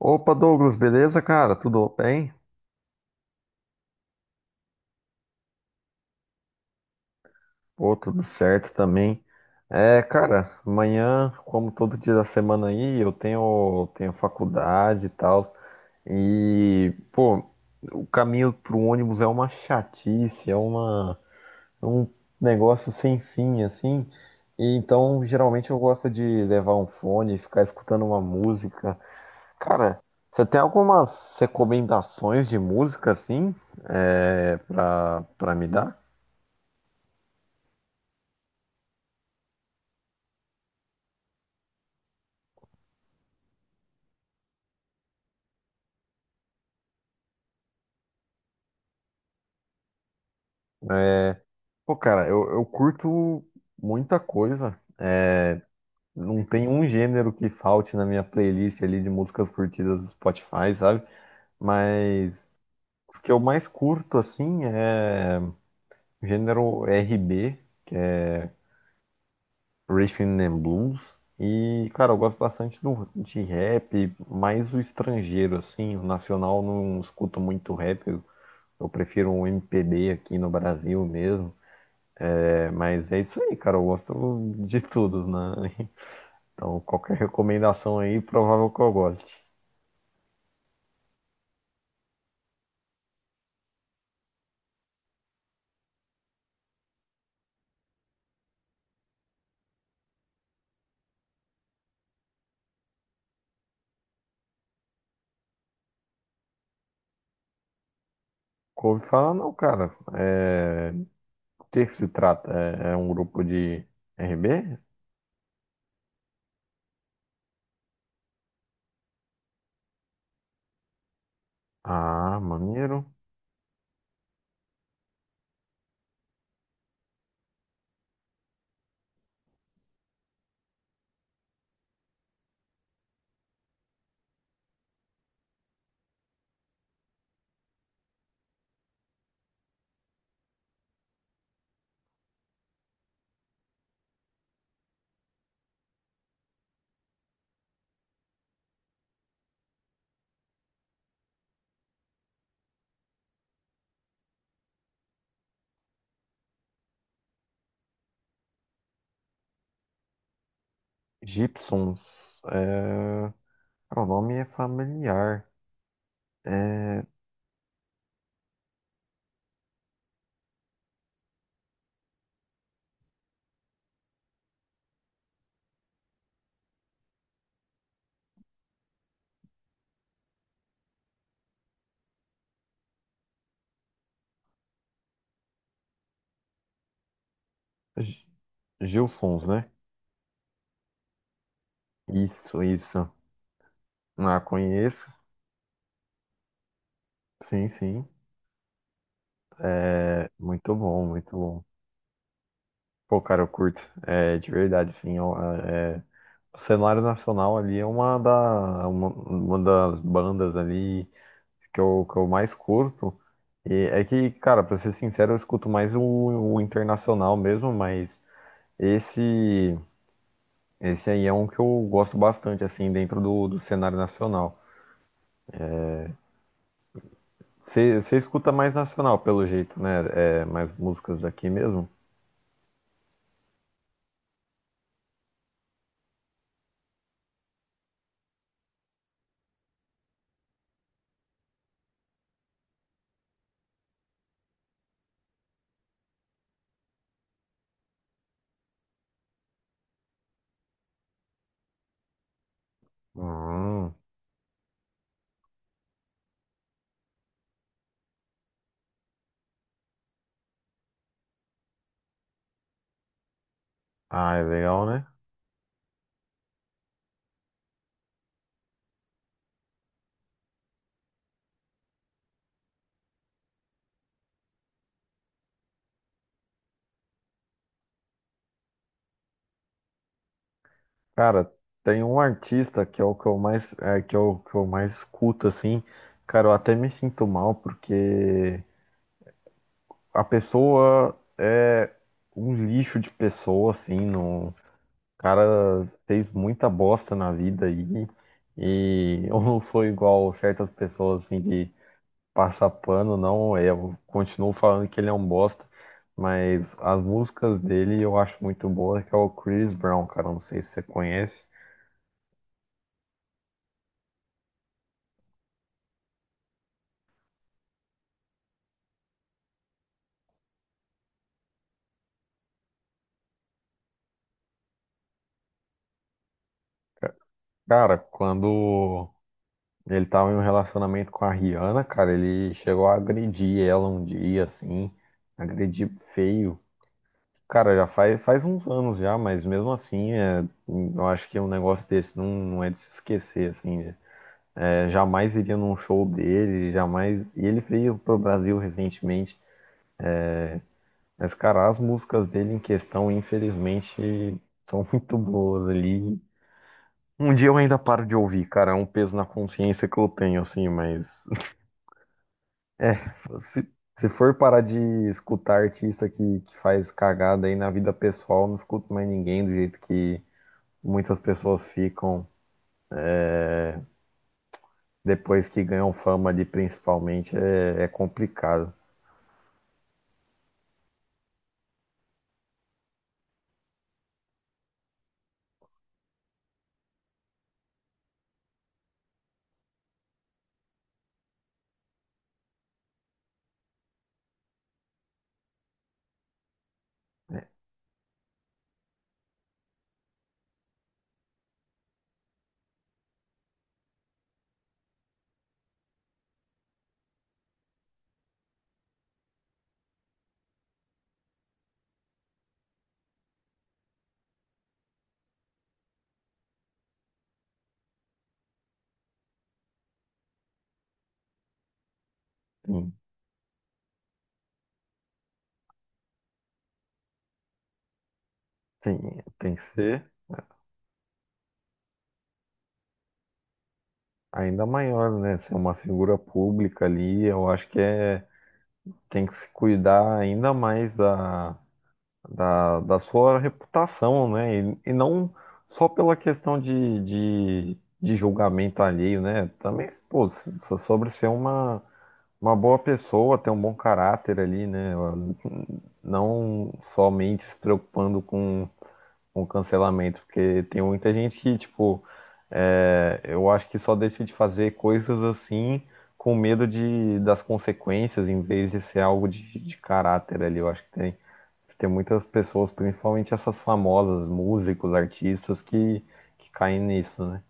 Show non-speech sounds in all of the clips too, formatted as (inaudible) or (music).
Opa, Douglas, beleza, cara? Tudo bem? Pô, tudo certo também. Cara, amanhã, como todo dia da semana aí, eu tenho faculdade e tal. E, pô, o caminho pro ônibus é uma chatice, é um negócio sem fim, assim. E então, geralmente eu gosto de levar um fone, ficar escutando uma música. Cara, você tem algumas recomendações de música assim, pra me dar? Pô, cara, eu curto muita coisa. Não tem um gênero que falte na minha playlist ali de músicas curtidas do Spotify, sabe? Mas os que eu mais curto assim é gênero RB, que é Rhythm and Blues. E, cara, eu gosto bastante de rap, mais o estrangeiro, assim, o nacional eu não escuto muito rap. Eu prefiro um MPB aqui no Brasil mesmo. É, mas é isso aí, cara. Eu gosto de tudo, né? (laughs) Então, qualquer recomendação aí, provável que eu goste. Couve fala, não, cara. É... O que que se trata? É um grupo de RB? Ah, maneiro. Gibsons. É... cara, o nome é familiar. É... G- Gilsons, né? Isso, isso. Ah, conheço. Sim, sim. É, muito bom, muito bom. Pô, cara, eu curto. É, de verdade, sim. Ó, o cenário nacional ali é uma das bandas ali que eu mais curto. E é que, cara, pra ser sincero, eu escuto mais o internacional mesmo, mas esse, esse aí é um que eu gosto bastante, assim, dentro do cenário nacional. Você escuta mais nacional, pelo jeito, né? É, mais músicas daqui mesmo? Hum. Ah, é legal, né? Cara, tem um artista que é o que eu mais, é, que é o que eu mais escuto, assim. Cara, eu até me sinto mal porque a pessoa é um lixo de pessoa, assim. Não... O cara fez muita bosta na vida aí. E (laughs) eu não sou igual certas pessoas, assim, que passa pano, não. Eu continuo falando que ele é um bosta. Mas as músicas dele eu acho muito boa, que é o Chris Brown, cara. Não sei se você conhece. Cara, quando ele tava em um relacionamento com a Rihanna, cara, ele chegou a agredir ela um dia, assim, agredir feio. Cara, faz uns anos já, mas mesmo assim, é, eu acho que um negócio desse não é de se esquecer, assim, né? É, jamais iria num show dele, jamais. E ele veio pro Brasil recentemente, mas, cara, as músicas dele em questão, infelizmente, são (laughs) muito boas ali. Um dia eu ainda paro de ouvir, cara, é um peso na consciência que eu tenho, assim, mas. É, se, se for parar de escutar artista que faz cagada aí na vida pessoal, não escuto mais ninguém, do jeito que muitas pessoas ficam depois que ganham fama ali, principalmente, é complicado. Sim, tem, tem que ser ainda maior, né? Ser uma figura pública ali, eu acho que é, tem que se cuidar ainda mais da sua reputação, né? E não só pela questão de julgamento alheio, né? Também, pô, sobre ser uma boa pessoa, ter um bom caráter ali, né? Não somente se preocupando com cancelamento, porque tem muita gente que, tipo, é, eu acho que só deixa de fazer coisas assim. Com medo de, das consequências, em vez de ser algo de caráter ali. Eu acho que tem muitas pessoas, principalmente essas famosas, músicos, artistas, que caem nisso, né?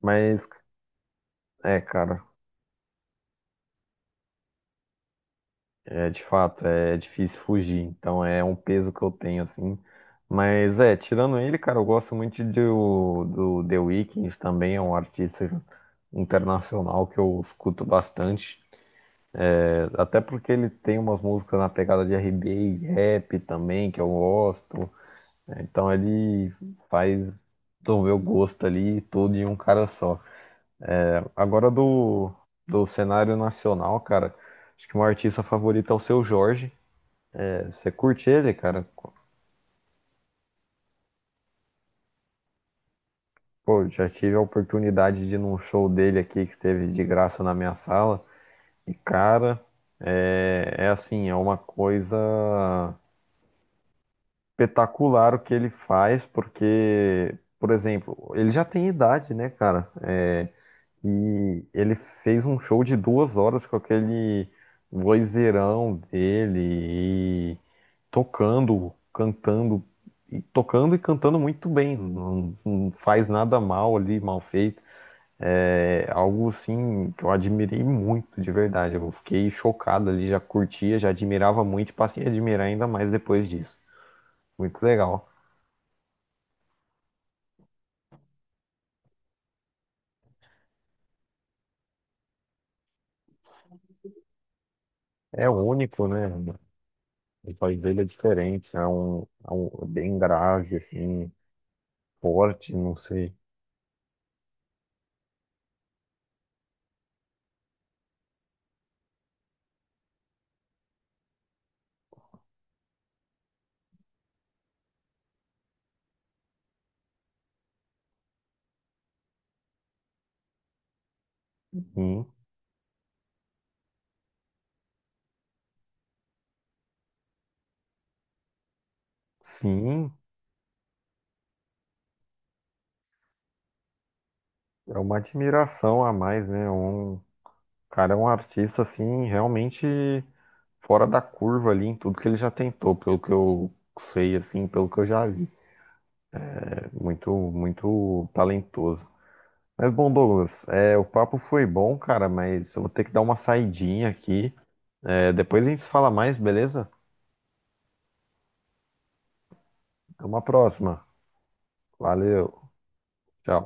Mas, é, cara, é de fato, é difícil fugir. Então é um peso que eu tenho, assim. Mas é, tirando ele, cara, eu gosto muito do The Weeknd também, é um artista internacional que eu escuto bastante. É, até porque ele tem umas músicas na pegada de RB e rap também, que eu gosto, né? Então ele faz desenvolver o gosto ali e tudo em um cara só, cara. Agora do cenário nacional, cara, acho que o meu artista favorito é o Seu Jorge. É, você curte ele, cara? Pô, já tive a oportunidade de ir num show dele aqui que esteve de graça na minha sala. E, cara, é assim, é uma coisa espetacular o que ele faz, porque, por exemplo, ele já tem idade, né, cara? É, e ele fez um show de 2 horas com aquele vozeirão dele e tocando, cantando, e tocando e cantando muito bem. Não, não faz nada mal ali, mal feito. É algo assim que eu admirei muito, de verdade. Eu fiquei chocado ali, já curtia, já admirava muito e passei a admirar ainda mais depois disso. Muito legal. É único, né? O país dele é diferente, é um- é bem grave, assim, porte, não sei. Sim, é uma admiração a mais, né? É um, o cara é um artista assim realmente fora da curva ali em tudo que ele já tentou, pelo que eu sei assim, pelo que eu já vi. É muito, muito talentoso. Mas bom, Douglas, é, o papo foi bom, cara, mas eu vou ter que dar uma saidinha aqui. É, depois a gente se fala mais, beleza? Até uma próxima. Valeu. Tchau.